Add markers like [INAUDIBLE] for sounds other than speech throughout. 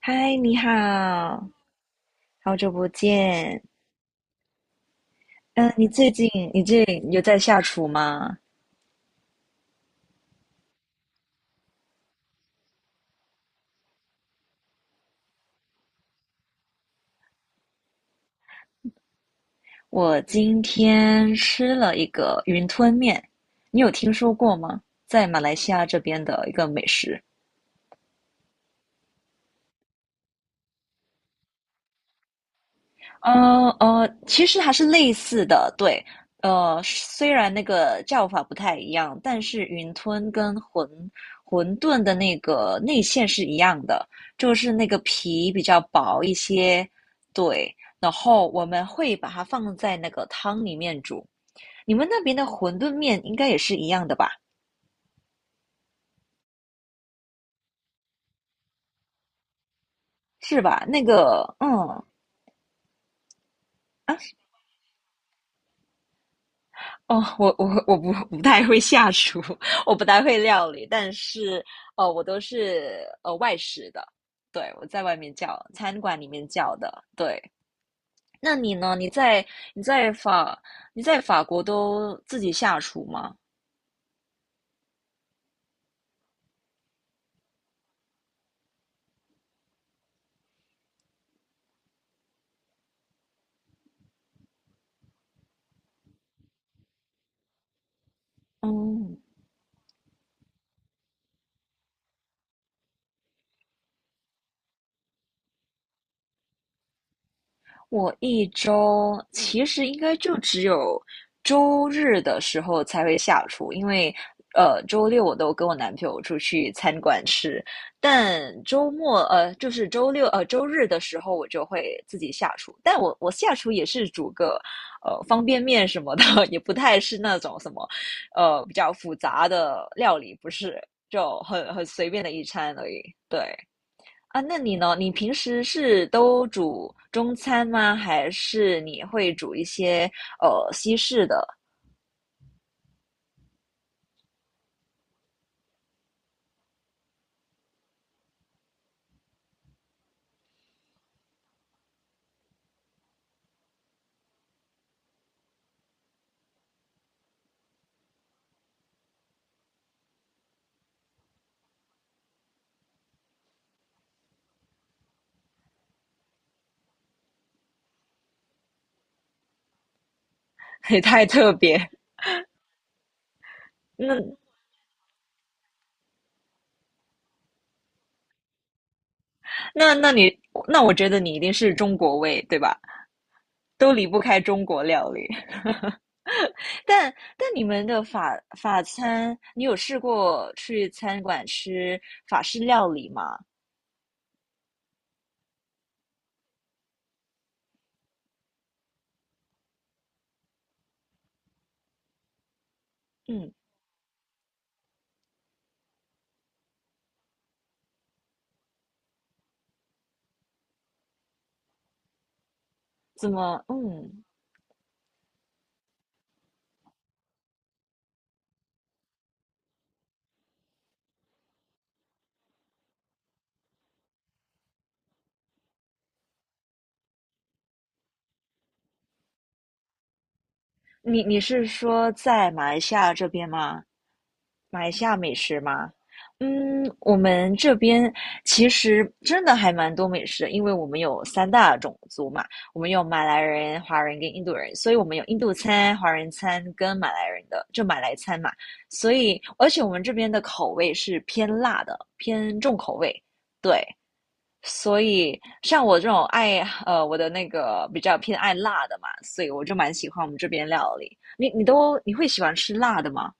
嗨，你好，好久不见。嗯、你最近你最近有在下厨吗？我今天吃了一个云吞面，你有听说过吗？在马来西亚这边的一个美食。其实还是类似的，对，虽然那个叫法不太一样，但是云吞跟馄饨的那个内馅是一样的，就是那个皮比较薄一些，对，然后我们会把它放在那个汤里面煮。你们那边的馄饨面应该也是一样的吧？是吧？那个，嗯，啊，哦，我不太会下厨，[LAUGHS] 我不太会料理，但是我都是外食的，对，我在外面叫，餐馆里面叫的，对。那你呢？你在法你在法国都自己下厨吗？嗯，我一周其实应该就只有周日的时候才会下厨，因为周六我都跟我男朋友出去餐馆吃，但周末就是周六周日的时候我就会自己下厨，但我下厨也是煮个方便面什么的，[LAUGHS] 也不太是那种什么比较复杂的料理，不是，就很随便的一餐而已，对。啊，那你呢？你平时是都煮中餐吗？还是你会煮一些西式的？[LAUGHS] 也太特别。那那那你那我觉得你一定是中国味，对吧？都离不开中国料理。[LAUGHS] 但你们的法餐，你有试过去餐馆吃法式料理吗？嗯，怎么？嗯，你是说在马来西亚这边吗？马来西亚美食吗？嗯，我们这边其实真的还蛮多美食的，因为我们有三大种族嘛，我们有马来人、华人跟印度人，所以我们有印度餐、华人餐跟马来人的，就马来餐嘛。所以，而且我们这边的口味是偏辣的，偏重口味，对。所以，像我这种爱呃我的那个比较偏爱辣的嘛，所以我就蛮喜欢我们这边料理。你会喜欢吃辣的吗？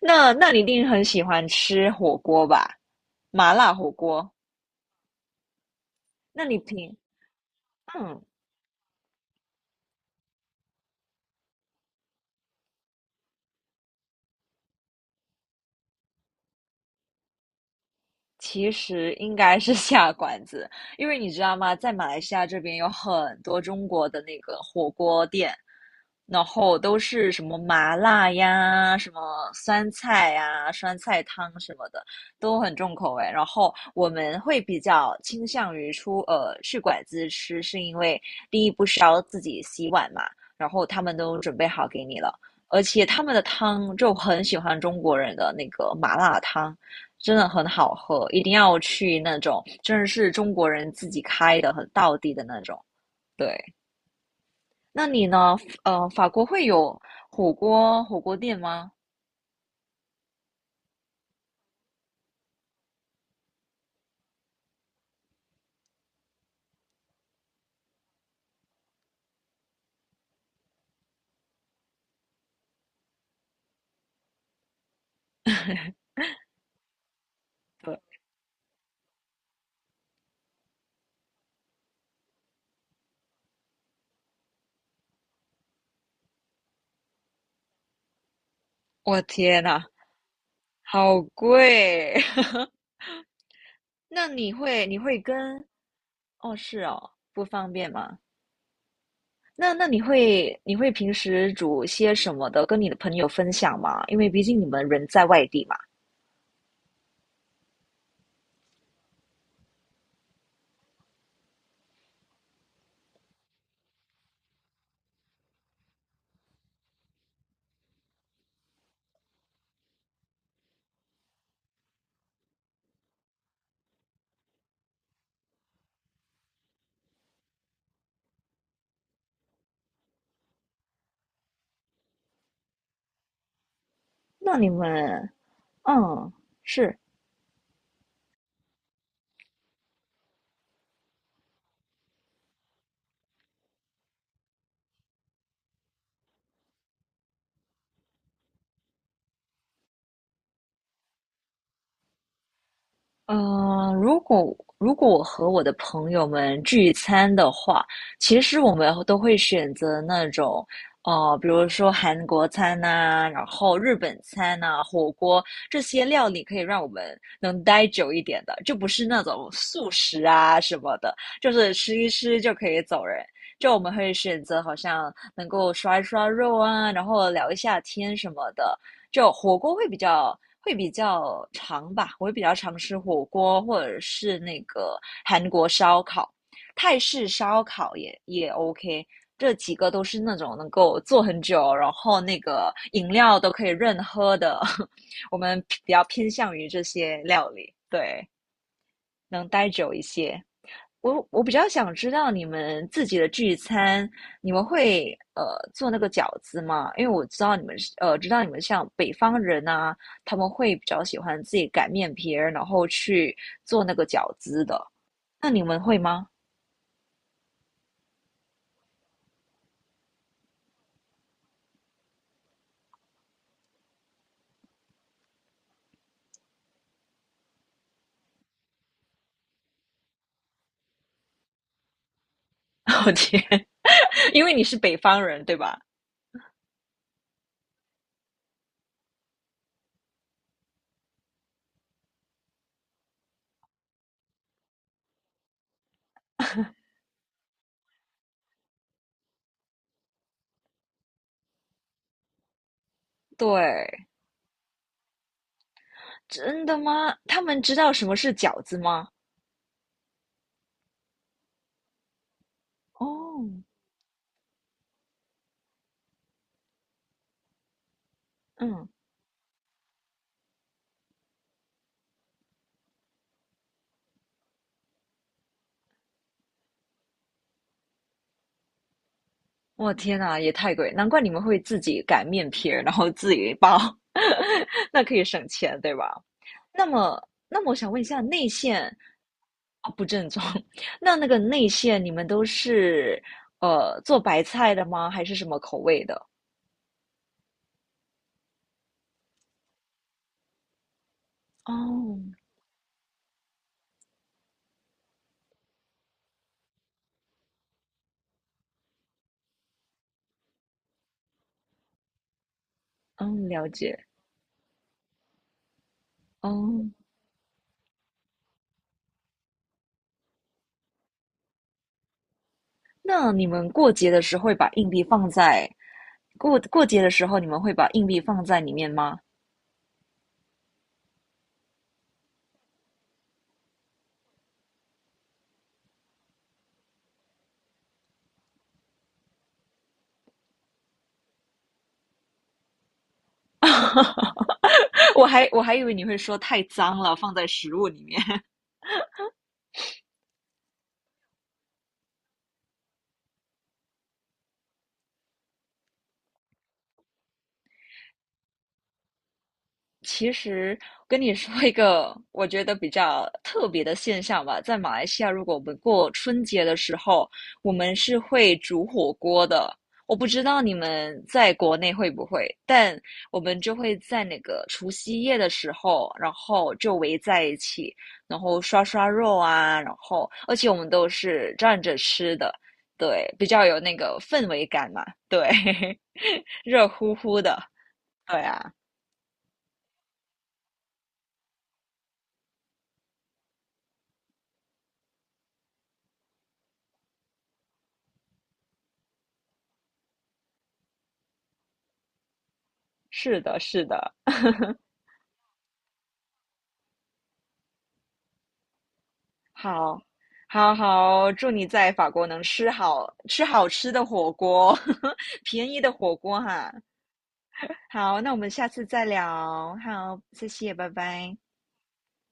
你一定很喜欢吃火锅吧？麻辣火锅。那你平，嗯，其实应该是 [LAUGHS] 下馆子，因为你知道吗，在马来西亚这边有很多中国的那个火锅店，然后都是什么麻辣呀、什么酸菜呀、酸菜汤什么的，都很重口味。然后我们会比较倾向于去馆子吃，是因为第一不需要自己洗碗嘛，然后他们都准备好给你了，而且他们的汤就很喜欢中国人的那个麻辣汤。真的很好喝，一定要去那种真的是中国人自己开的，很道地的那种。对，那你呢？呃，法国会有火锅店吗？对，我天呐，好贵！[LAUGHS] 那你会你会跟哦是哦，不方便吗？那那你会平时煮些什么的，跟你的朋友分享吗？因为毕竟你们人在外地嘛。那你们嗯是。嗯，如果我和我的朋友们聚餐的话，其实我们都会选择那种，呃，比如说韩国餐呐、然后日本餐呐、火锅这些料理，可以让我们能待久一点的，就不是那种速食啊什么的，就是吃一吃就可以走人。就我们会选择好像能够刷一刷肉啊，然后聊一下天什么的，就火锅会比较长吧，我会比较常吃火锅或者是那个韩国烧烤、泰式烧烤也 OK，这几个都是那种能够做很久，然后那个饮料都可以任喝的，[LAUGHS] 我们比较偏向于这些料理，对，能待久一些。我比较想知道你们自己的聚餐，你们会做那个饺子吗？因为我知道你们是呃知道你们像北方人啊，他们会比较喜欢自己擀面皮儿，然后去做那个饺子的。那你们会吗？[LAUGHS] 我天，因为你是北方人，对吧？对，真的吗？他们知道什么是饺子吗？哦，嗯，我天呐，也太贵，难怪你们会自己擀面皮儿，然后自己包，[LAUGHS] 那可以省钱，对吧？那么，那么我想问一下，内线啊不正宗，[LAUGHS] 那那个内线你们都是做白菜的吗？还是什么口味的？哦，嗯，了解。哦，那你们过节的时候会把硬币放在过过节的时候，你们会把硬币放在里面吗？[LAUGHS] 我还以为你会说太脏了，放在食物里面。其实跟你说一个我觉得比较特别的现象吧，在马来西亚，如果我们过春节的时候，我们是会煮火锅的。我不知道你们在国内会不会，但我们就会在那个除夕夜的时候，然后就围在一起，然后刷刷肉啊，然后而且我们都是站着吃的，对，比较有那个氛围感嘛，对，[LAUGHS] 热乎乎的，对啊，是的，是的。好，好好，祝你在法国能吃好吃的火锅，[LAUGHS] 便宜的火锅哈。好，那我们下次再聊。好，谢谢，拜拜。